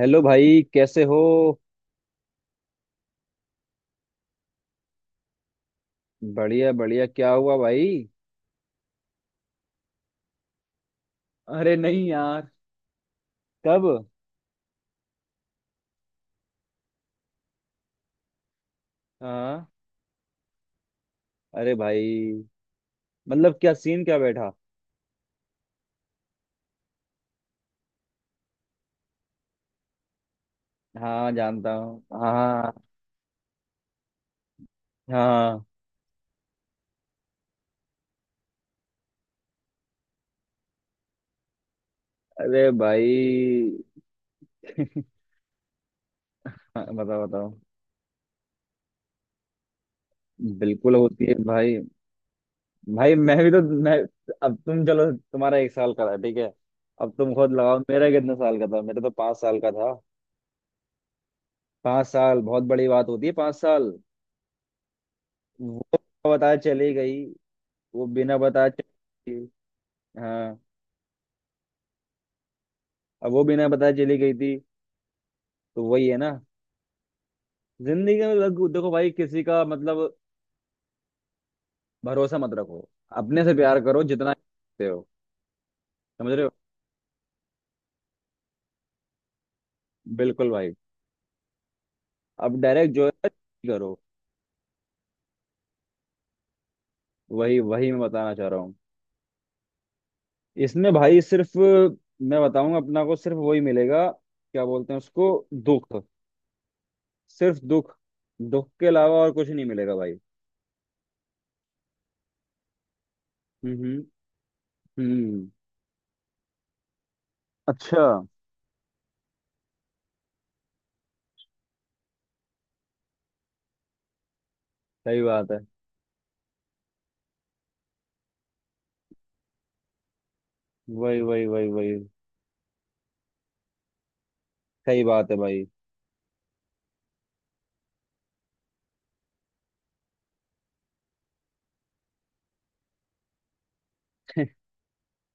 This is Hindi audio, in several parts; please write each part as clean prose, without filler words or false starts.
हेलो भाई, कैसे हो? बढ़िया बढ़िया, क्या हुआ भाई? अरे नहीं यार। कब? हाँ। अरे भाई। मतलब क्या सीन क्या बैठा? हाँ, जानता हूँ, हाँ। हाँ। अरे भाई। हाँ, बताओ बताओ। बिल्कुल होती है भाई। भाई, मैं भी तो मैं— अब तुम चलो, तुम्हारा एक साल का था, ठीक है। अब तुम खुद लगाओ, मेरा कितने साल का था? मेरा तो 5 साल का था। 5 साल बहुत बड़ी बात होती है, 5 साल। वो बताया चली गई। वो बिना बताया चली गई। हाँ। अब वो बिना बताए चली गई थी। तो वही है ना? जिंदगी में देखो भाई, किसी का मतलब भरोसा मत रखो। अपने से प्यार करो, जितना करते हो। समझ रहे हो? बिल्कुल भाई। अब डायरेक्ट जो है करो। वही वही मैं बताना चाह रहा हूँ। इसमें भाई, सिर्फ मैं बताऊंगा, अपना को सिर्फ वही मिलेगा। क्या बोलते हैं उसको? दुख। सिर्फ दुख। दुख के अलावा और कुछ नहीं मिलेगा भाई। हम्म। हम्म। अच्छा। सही बात है। वही वही वही वही। सही बात है भाई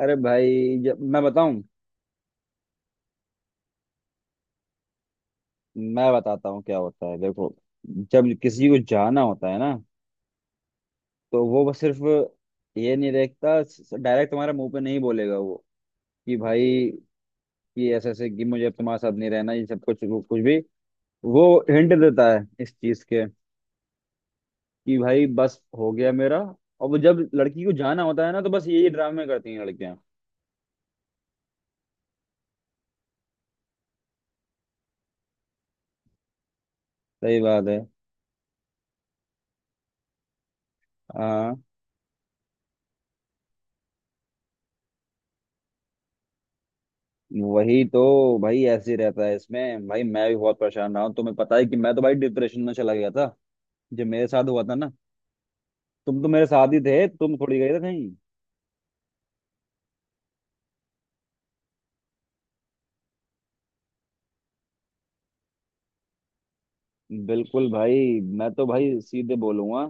अरे भाई, जब मैं बताऊं— मैं बताता हूँ क्या होता है, देखो। जब किसी को जाना होता है ना, तो वो बस सिर्फ ये नहीं देखता। डायरेक्ट तुम्हारे मुंह पे नहीं बोलेगा वो, कि भाई, कि ऐसे ऐसे, कि मुझे अब तुम्हारे साथ नहीं रहना, ये सब कुछ वो कुछ भी। वो हिंट देता है इस चीज के, कि भाई बस हो गया मेरा। और वो जब लड़की को जाना होता है ना, तो बस यही ड्रामे करती हैं लड़कियां। सही बात है। हाँ। वही तो भाई, ऐसे ही रहता है इसमें। भाई मैं भी बहुत परेशान रहा हूँ, तुम्हें पता है कि मैं तो भाई डिप्रेशन में चला गया था जब मेरे साथ हुआ था ना। तुम तो मेरे साथ ही थे, तुम थोड़ी गए थे कहीं। बिल्कुल भाई, मैं तो भाई सीधे बोलूंगा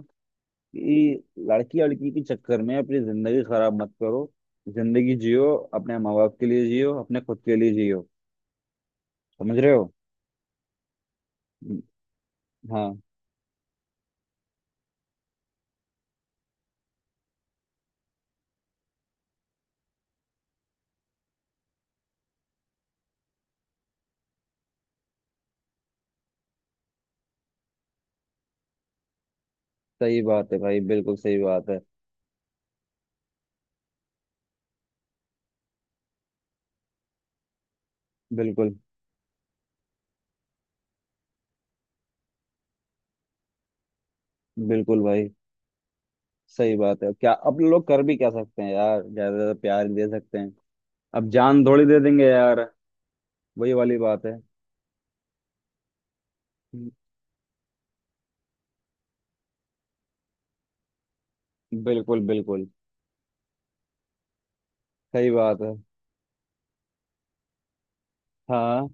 कि लड़की लड़की के चक्कर में अपनी जिंदगी खराब मत करो। जिंदगी जियो, अपने माँ बाप के लिए जियो, अपने खुद के लिए जियो। समझ रहे हो? हाँ। सही बात है भाई, बिल्कुल सही बात है। बिल्कुल बिल्कुल भाई। सही बात है, क्या अब लोग कर भी क्या सकते हैं यार, ज्यादा ज्यादा प्यार दे सकते हैं। अब जान थोड़ी दे देंगे यार। वही वाली बात है। बिल्कुल बिल्कुल। सही बात है। हाँ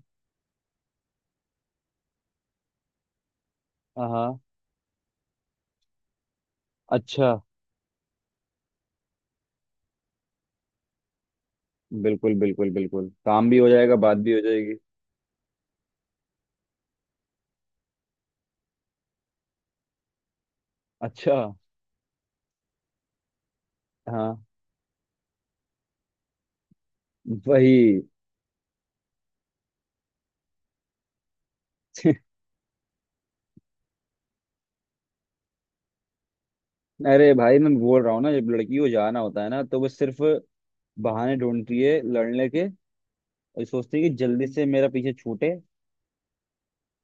हाँ। अच्छा। बिल्कुल बिल्कुल बिल्कुल, काम भी हो जाएगा, बात भी हो जाएगी। अच्छा। हाँ। वही। अरे भाई, मैं बोल रहा हूँ ना, जब लड़की को जाना होता है ना, तो वो सिर्फ बहाने ढूंढती है लड़ने के। और सोचती है कि जल्दी से मेरा पीछे छूटे।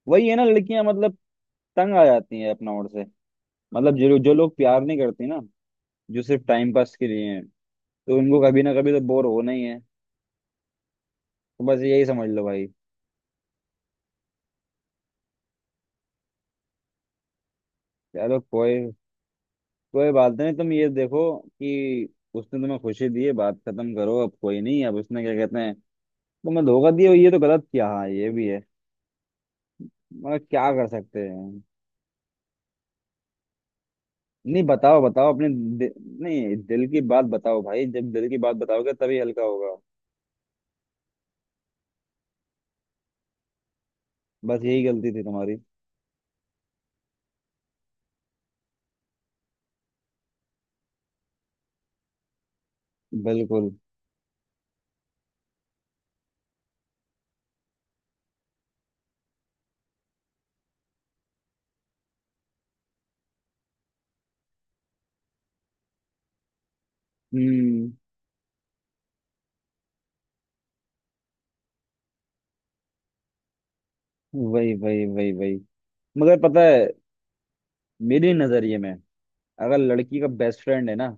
वही है ना, लड़कियां मतलब तंग आ जाती हैं अपना ओर से। मतलब जो जो लोग प्यार नहीं करते ना, जो सिर्फ टाइम पास के लिए हैं, तो उनको कभी ना कभी तो बोर होना ही है। तो बस यही समझ लो भाई। चलो कोई कोई बात नहीं, तुम ये देखो कि उसने तुम्हें खुशी दी है। बात खत्म करो, अब कोई नहीं। अब उसने क्या कहते हैं, तुम्हें धोखा दिया, ये तो गलत किया, हाँ ये भी है। मगर क्या कर सकते हैं? नहीं, बताओ बताओ अपने नहीं, दिल की बात बताओ भाई, जब दिल की बात बताओगे तभी हल्का होगा। बस यही गलती थी तुम्हारी। बिल्कुल। हम्म। वही वही वही वही। मगर पता है, मेरे नजरिए में, अगर लड़की का बेस्ट फ्रेंड है ना—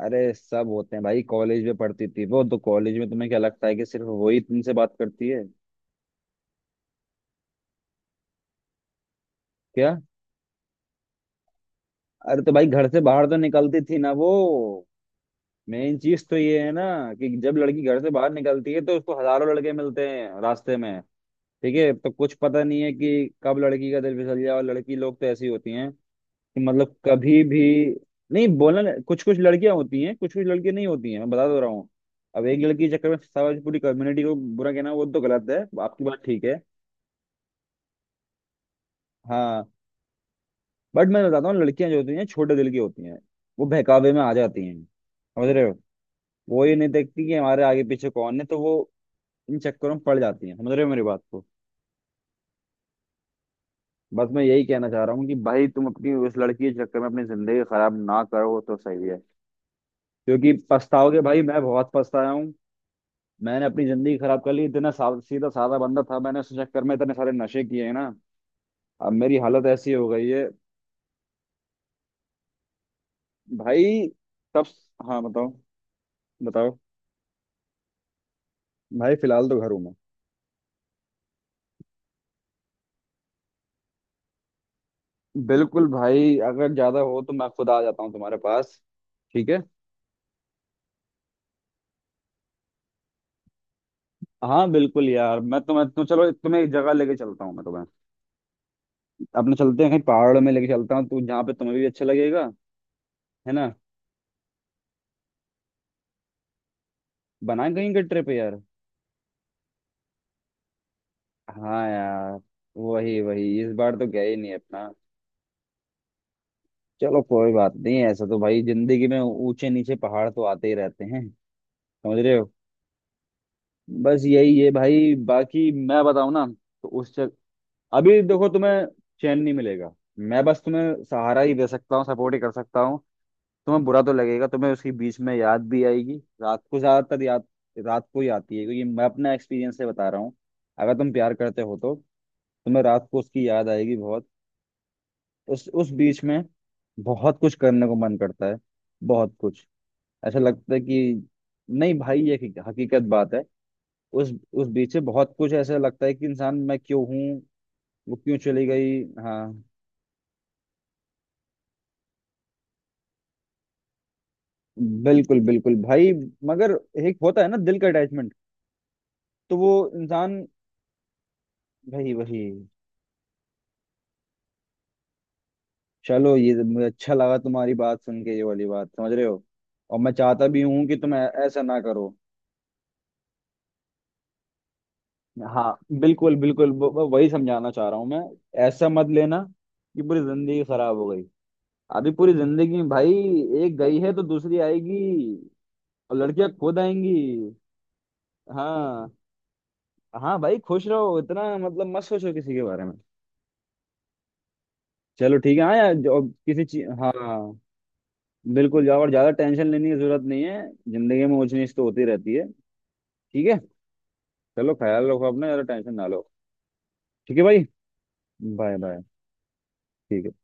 अरे सब होते हैं भाई। कॉलेज में पढ़ती थी वो, तो कॉलेज में तुम्हें क्या लगता है कि सिर्फ वही तुमसे बात करती है? क्या? अरे तो भाई, घर से बाहर तो निकलती थी ना वो। मेन चीज तो ये है ना, कि जब लड़की घर से बाहर निकलती है तो उसको हजारों लड़के मिलते हैं रास्ते में। ठीक है, तो कुछ पता नहीं है कि कब लड़की का दिल फिसल जाए। और लड़की लोग तो ऐसी होती हैं, कि मतलब कभी भी— नहीं, बोलना कुछ कुछ लड़कियां होती हैं कुछ कुछ लड़के, नहीं होती हैं, मैं बता दो रहा हूँ। अब एक लड़की के चक्कर में सारी पूरी कम्युनिटी को बुरा कहना, वो तो गलत है। आपकी बात ठीक है। हाँ। बट मैं बताता हूँ, लड़कियां जो होती हैं छोटे दिल की होती हैं। वो बहकावे में आ जाती हैं, समझ रहे हो? वो ये नहीं देखती कि हमारे आगे पीछे कौन है, तो वो इन चक्करों में पड़ जाती हैं, समझ रहे हो मेरी बात को? बस मैं यही कहना चाह रहा हूँ कि भाई, तुम अपनी उस लड़की के चक्कर में अपनी जिंदगी खराब ना करो तो सही है। क्योंकि पछताओगे भाई, मैं बहुत पछताया हूँ। मैंने अपनी जिंदगी खराब कर ली, इतना सा सीधा साधा बंदा था, मैंने उस चक्कर में इतने सारे नशे किए हैं ना, अब मेरी हालत ऐसी हो गई है। भाई। तब। हाँ बताओ बताओ। भाई फिलहाल तो घर हूँ मैं। बिल्कुल भाई, अगर ज्यादा हो तो मैं खुद आ जाता हूँ तुम्हारे पास, ठीक है। हाँ बिल्कुल यार, मैं तुम्हें तो चलो, तुम्हें एक जगह लेके चलता हूँ। मैं तुम्हें अपने चलते हैं कहीं पहाड़ में लेके चलता हूँ, तो जहाँ पे तुम्हें भी अच्छा लगेगा। है ना? बनाए कहीं का ट्रिप यार। हाँ यार। वही वही, इस बार तो गए ही नहीं अपना। चलो कोई बात नहीं, ऐसा तो भाई जिंदगी में ऊंचे नीचे पहाड़ तो आते ही रहते हैं। समझ रहे हो? बस यही है भाई। बाकी मैं बताऊं ना तो उस अभी देखो, तुम्हें चैन नहीं मिलेगा। मैं बस तुम्हें सहारा ही दे सकता हूँ, सपोर्ट ही कर सकता हूँ। तुम्हें बुरा तो लगेगा, तुम्हें उसकी बीच में याद भी आएगी, रात को ज्यादातर याद रात को ही आती है, क्योंकि मैं अपना एक्सपीरियंस से बता रहा हूँ। अगर तुम प्यार करते हो, तो तुम्हें रात को उसकी याद आएगी बहुत। उस बीच में बहुत कुछ करने को मन करता है, बहुत कुछ। ऐसा लगता है कि— नहीं भाई, ये हकीकत बात है। उस बीच से बहुत कुछ, ऐसा लगता है कि इंसान मैं क्यों हूँ, वो क्यों चली गई? हाँ। बिल्कुल बिल्कुल भाई। मगर एक होता है ना दिल का अटैचमेंट, तो वो इंसान— भाई वही। चलो ये तो मुझे अच्छा लगा तुम्हारी बात सुन के, ये वाली बात। समझ रहे हो? और मैं चाहता भी हूँ कि तुम ऐसा ना करो। हाँ बिल्कुल बिल्कुल, वही समझाना चाह रहा हूँ मैं। ऐसा मत लेना कि पूरी जिंदगी खराब हो गई। अभी पूरी जिंदगी में भाई, एक गई है तो दूसरी आएगी, और लड़कियां खुद आएंगी। हाँ। हाँ भाई, खुश रहो, इतना मतलब मत सोचो किसी के बारे में। चलो ठीक है। हाँ यार, जो किसी चीज। हाँ। बिल्कुल जाओ, और ज्यादा टेंशन लेने की जरूरत नहीं है। जिंदगी में ऊंच नीच तो होती रहती है, ठीक है। चलो, ख्याल रखो अपना, ज्यादा टेंशन ना लो। ठीक है भाई। Bye bye. ठीक है।